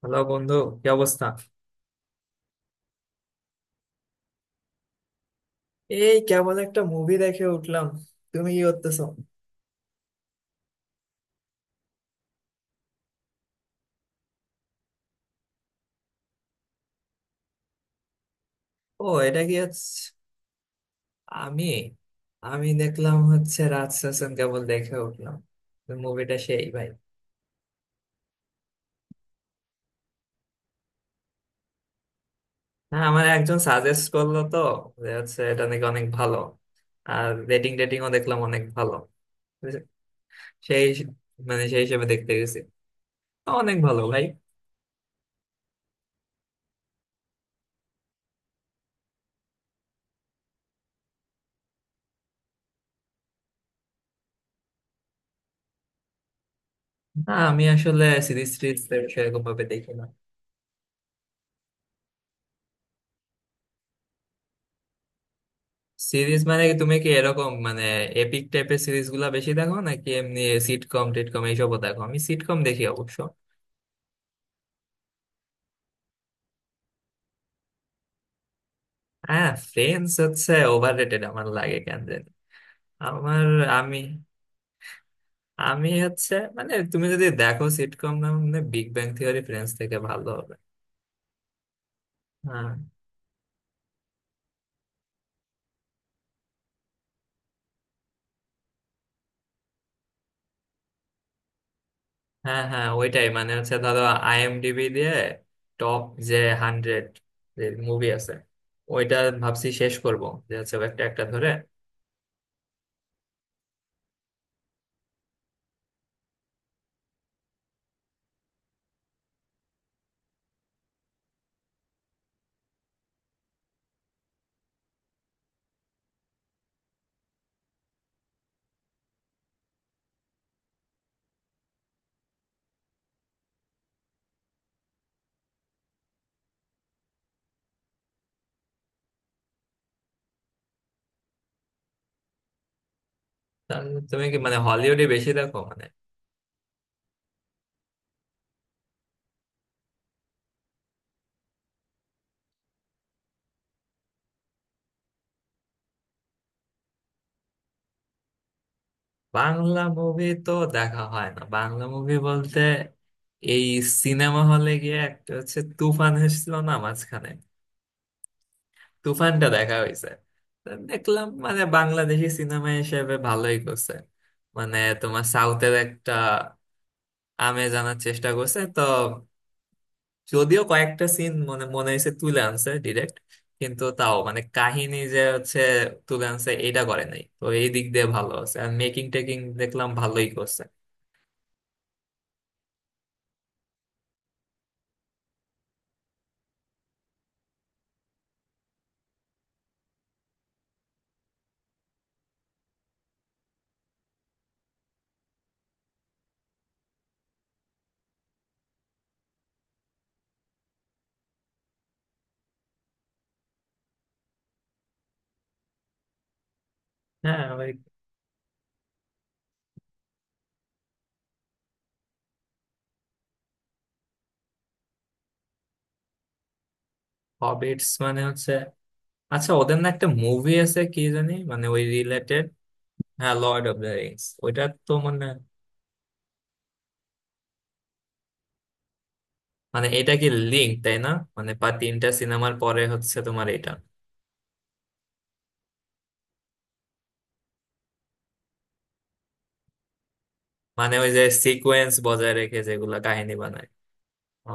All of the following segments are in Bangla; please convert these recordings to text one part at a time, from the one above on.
হ্যালো বন্ধু, কি অবস্থা? এই কেমন একটা মুভি দেখে উঠলাম। তুমি কি করতেছো? ও, এটা কি হচ্ছে? আমি আমি দেখলাম হচ্ছে রাজ সেশন কেবল দেখে উঠলাম। মুভিটা সেই ভাই। হ্যাঁ, আমার একজন সাজেস্ট করলো তো যে হচ্ছে এটা নাকি অনেক ভালো। আর রেটিংও দেখলাম অনেক ভালো। সেই, মানে সেই হিসেবে দেখতে গেছি, অনেক ভালো ভাই। না, আমি আসলে সিরিজ সিরিজ সেরকম ভাবে দেখি না। সিরিজ মানে কি, তুমি কি এরকম মানে এপিক টাইপের সিরিজ গুলা বেশি দেখো নাকি এমনি সিটকম টিটকম এইসবও দেখো? আমি সিটকম দেখি অবশ্য। হ্যাঁ, ফ্রেন্ডস হচ্ছে ওভার রেটেড আমার লাগে কেন জানি। আমার, আমি আমি হচ্ছে মানে তুমি যদি দেখো সিটকম, না মানে বিগ ব্যাং থিওরি ফ্রেন্ডস থেকে ভালো হবে। হ্যাঁ হ্যাঁ হ্যাঁ, ওইটাই মানে হচ্ছে, ধরো আইএমডিবি দিয়ে টপ যে হান্ড্রেড যে মুভি আছে ওইটা ভাবছি শেষ করব, যে হচ্ছে একটা একটা ধরে। তাহলে তুমি কি মানে হলিউডে বেশি দেখো মানে? বাংলা মুভি তো দেখা হয় না, বাংলা মুভি বলতে এই সিনেমা হলে গিয়ে একটা হচ্ছে তুফান এসেছিল না মাঝখানে, তুফানটা দেখা হয়েছে। তো দেখলাম মানে বাংলাদেশি সিনেমা হিসেবে ভালোই করছে। মানে তোমার সাউথের একটা আমেজ আনার চেষ্টা করছে তো, যদিও কয়েকটা সিন মনে মনে হয়েছে তুলে আনছে ডিরেক্ট, কিন্তু তাও মানে কাহিনী যে হচ্ছে তুলে আনছে এটা করে নাই, তো এই দিক দিয়ে ভালো আছে। আর মেকিং টেকিং দেখলাম ভালোই করছে। হ্যাঁ। হবিটস মানে হচ্ছে, আচ্ছা ওদের না একটা মুভি আছে কি জানি মানে ওই রিলেটেড। হ্যাঁ, লর্ড অফ দ্য রিংস ওইটা তো মানে, মানে এটা কি লিঙ্ক তাই না? মানে পা তিনটা সিনেমার পরে হচ্ছে তোমার এটা? মানে ওই যে সিকোয়েন্স বজায় রেখে যেগুলা কাহিনী বানায়। ও,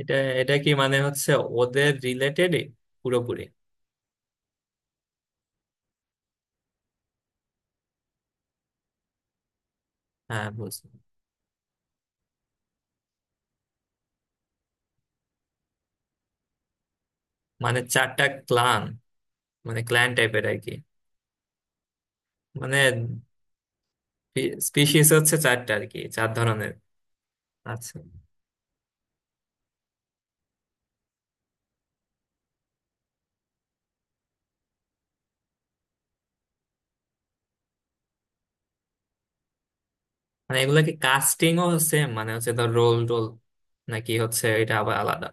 এটা এটা কি মানে হচ্ছে ওদের রিলেটেডই পুরোপুরি? হ্যাঁ বুঝলাম। মানে চারটা ক্লান, মানে ক্লান টাইপের আর কি। মানে স্পিসিস হচ্ছে চারটা আর কি, চার ধরনের। আচ্ছা। মানে এগুলা কি কাস্টিং ও সেম মানে হচ্ছে ধর রোল টোল, নাকি হচ্ছে এটা আবার আলাদা?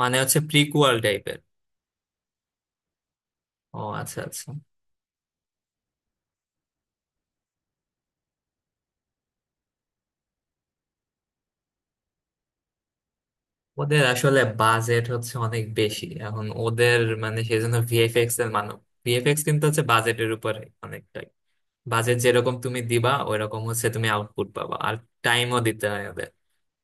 মানে হচ্ছে প্রিকুয়াল টাইপের? ও, আচ্ছা আচ্ছা। ওদের আসলে বাজেট হচ্ছে অনেক বেশি এখন ওদের, মানে সেই জন্য ভিএফএক্স এর মানে, ভিএফএক্স কিন্তু হচ্ছে বাজেটের উপরে অনেকটাই। বাজেট যেরকম তুমি দিবা ওইরকম হচ্ছে তুমি আউটপুট পাবা। আর টাইমও দিতে হয় ওদের,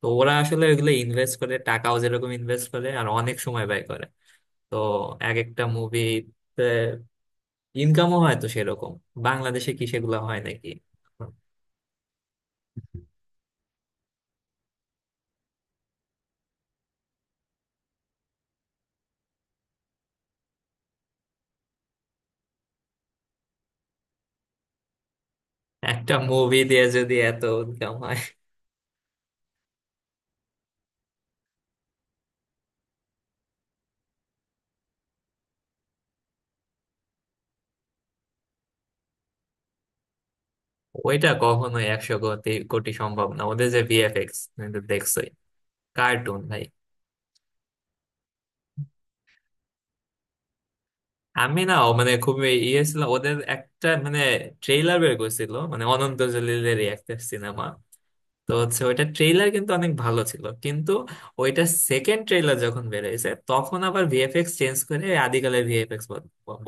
তো ওরা আসলে ওইগুলো ইনভেস্ট করে, টাকাও যেরকম ইনভেস্ট করে আর অনেক সময় ব্যয় করে। তো এক একটা মুভি ইনকামও হয় তো সেরকম। বাংলাদেশে কি সেগুলো হয় নাকি? একটা মুভি দিয়ে যদি এত ইনকাম হয়। ওইটা কখনোই একশো কোটি, কোটি সম্ভব না, ওদের যে ভিএফএক্স দেখছোই, কার্টুন ভাই। আমি, না ও মানে খুবই ইয়ে ছিল ওদের একটা, মানে ট্রেইলার বের করছিল মানে অনন্ত জলিলের একটা সিনেমা, তো হচ্ছে ওইটা ট্রেইলার কিন্তু অনেক ভালো ছিল, কিন্তু ওইটা সেকেন্ড ট্রেইলার যখন বেরিয়েছে তখন আবার ভিএফএক্স চেঞ্জ করে আদিকালের ভিএফএক্স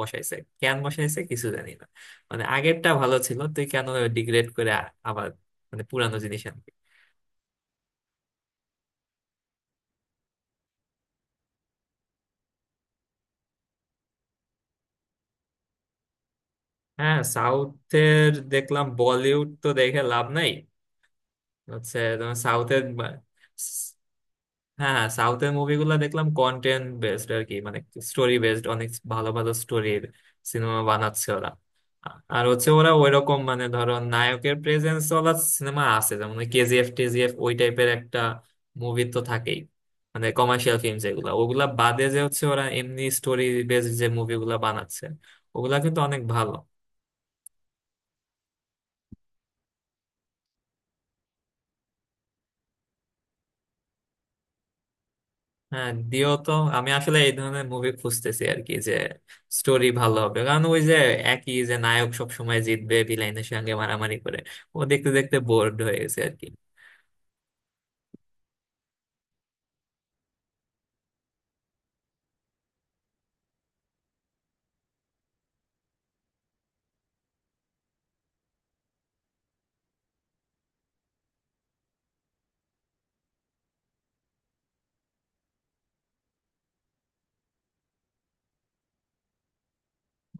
বসাইছে। কেন বসাইছে কিছু জানি না, মানে আগেরটা ভালো ছিল, তুই কেন ডিগ্রেড করে আবার মানে পুরানো জিনিস আনবি? হ্যাঁ, সাউথের দেখলাম, বলিউড তো দেখে লাভ নাই। হচ্ছে তোমার সাউথের। হ্যাঁ, সাউথের মুভিগুলো দেখলাম কন্টেন্ট বেসড আর কি, মানে স্টোরি বেসড, অনেক ভালো ভালো স্টোরির সিনেমা বানাচ্ছে ওরা। আর হচ্ছে ওরা ওইরকম মানে ধরো নায়কের প্রেজেন্স ওলা সিনেমা আছে যেমন কেজিএফ টেজিএফ ওই টাইপের একটা মুভি তো থাকেই, মানে কমার্শিয়াল ফিল্ম যেগুলো, ওগুলা বাদে যে হচ্ছে ওরা এমনি স্টোরি বেসড যে মুভিগুলা বানাচ্ছে ওগুলা কিন্তু অনেক ভালো। হ্যাঁ দিও তো। আমি আসলে এই ধরনের মুভি খুঁজতেছি আর কি, যে স্টোরি ভালো হবে, কারণ ওই যে একই যে নায়ক সব সময় জিতবে ভিলেনের সঙ্গে মারামারি করে, ও দেখতে দেখতে বোর্ড হয়ে গেছে আর কি।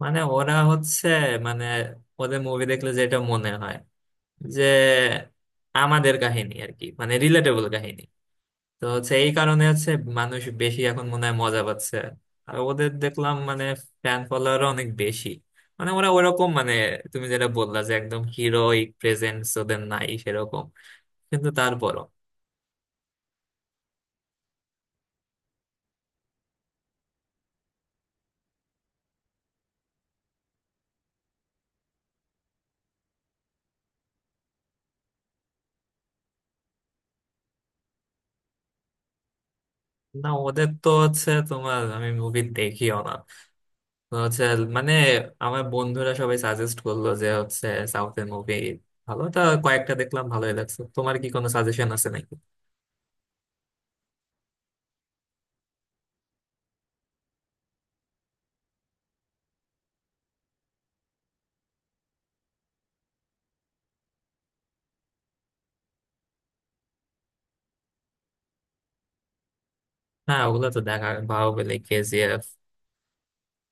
মানে ওরা হচ্ছে, মানে ওদের মুভি দেখলে যেটা মনে হয় যে আমাদের কাহিনী আর কি, মানে রিলেটেবল কাহিনী। তো হচ্ছে এই কারণে হচ্ছে মানুষ বেশি এখন মনে হয় মজা পাচ্ছে। আর ওদের দেখলাম মানে ফ্যান ফলোয়ার অনেক বেশি, মানে ওরা ওরকম মানে, তুমি যেটা বললা যে একদম হিরোইক প্রেজেন্স ওদের নাই সেরকম, কিন্তু তারপরও। না ওদের তো হচ্ছে তোমার, আমি মুভি দেখিও না, তো হচ্ছে মানে আমার বন্ধুরা সবাই সাজেস্ট করলো যে হচ্ছে সাউথের মুভি ভালো, তা কয়েকটা দেখলাম ভালোই লাগছে। তোমার কি কোনো সাজেশন আছে নাকি? হ্যাঁ ওগুলো তো দেখা, বাহুবলী, কেজিএফ,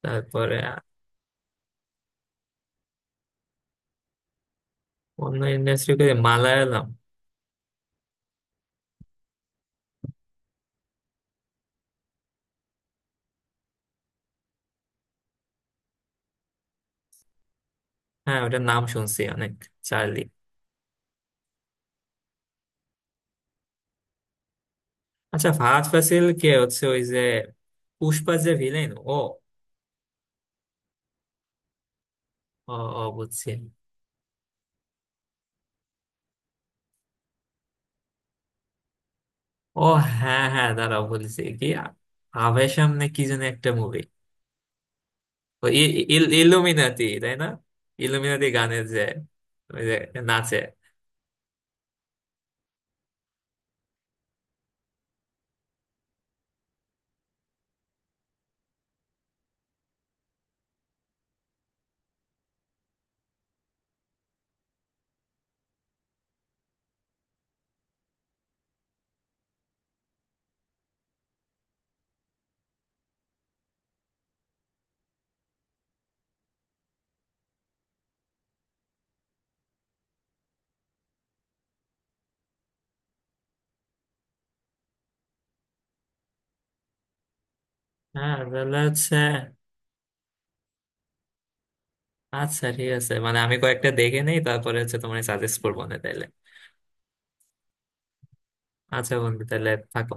তারপরে। অন্য ইন্ডাস্ট্রি? মালায়ালাম। হ্যাঁ ওটার নাম শুনছি অনেক। চার্লি। আচ্ছা ফাহাদ ফাসিল কে হচ্ছে ওই যে পুষ্পা যে ভিলেন ও? ও। ও, বুঝছি। ও। হ্যাঁ হ্যাঁ, দাঁড়াও বলছি কি, আভেশম না কি যেন একটা মুভি। ও, ইলুমিনাতি তাই না? ইলুমিনাতি গানের যে ওই যে নাচে। হ্যাঁ তাহলে হচ্ছে। আচ্ছা ঠিক আছে মানে আমি কয়েকটা দেখে নেই তারপরে হচ্ছে তোমার সাজেস্ট করবো না তাইলে। আচ্ছা বন্ধু, তাহলে থাকো।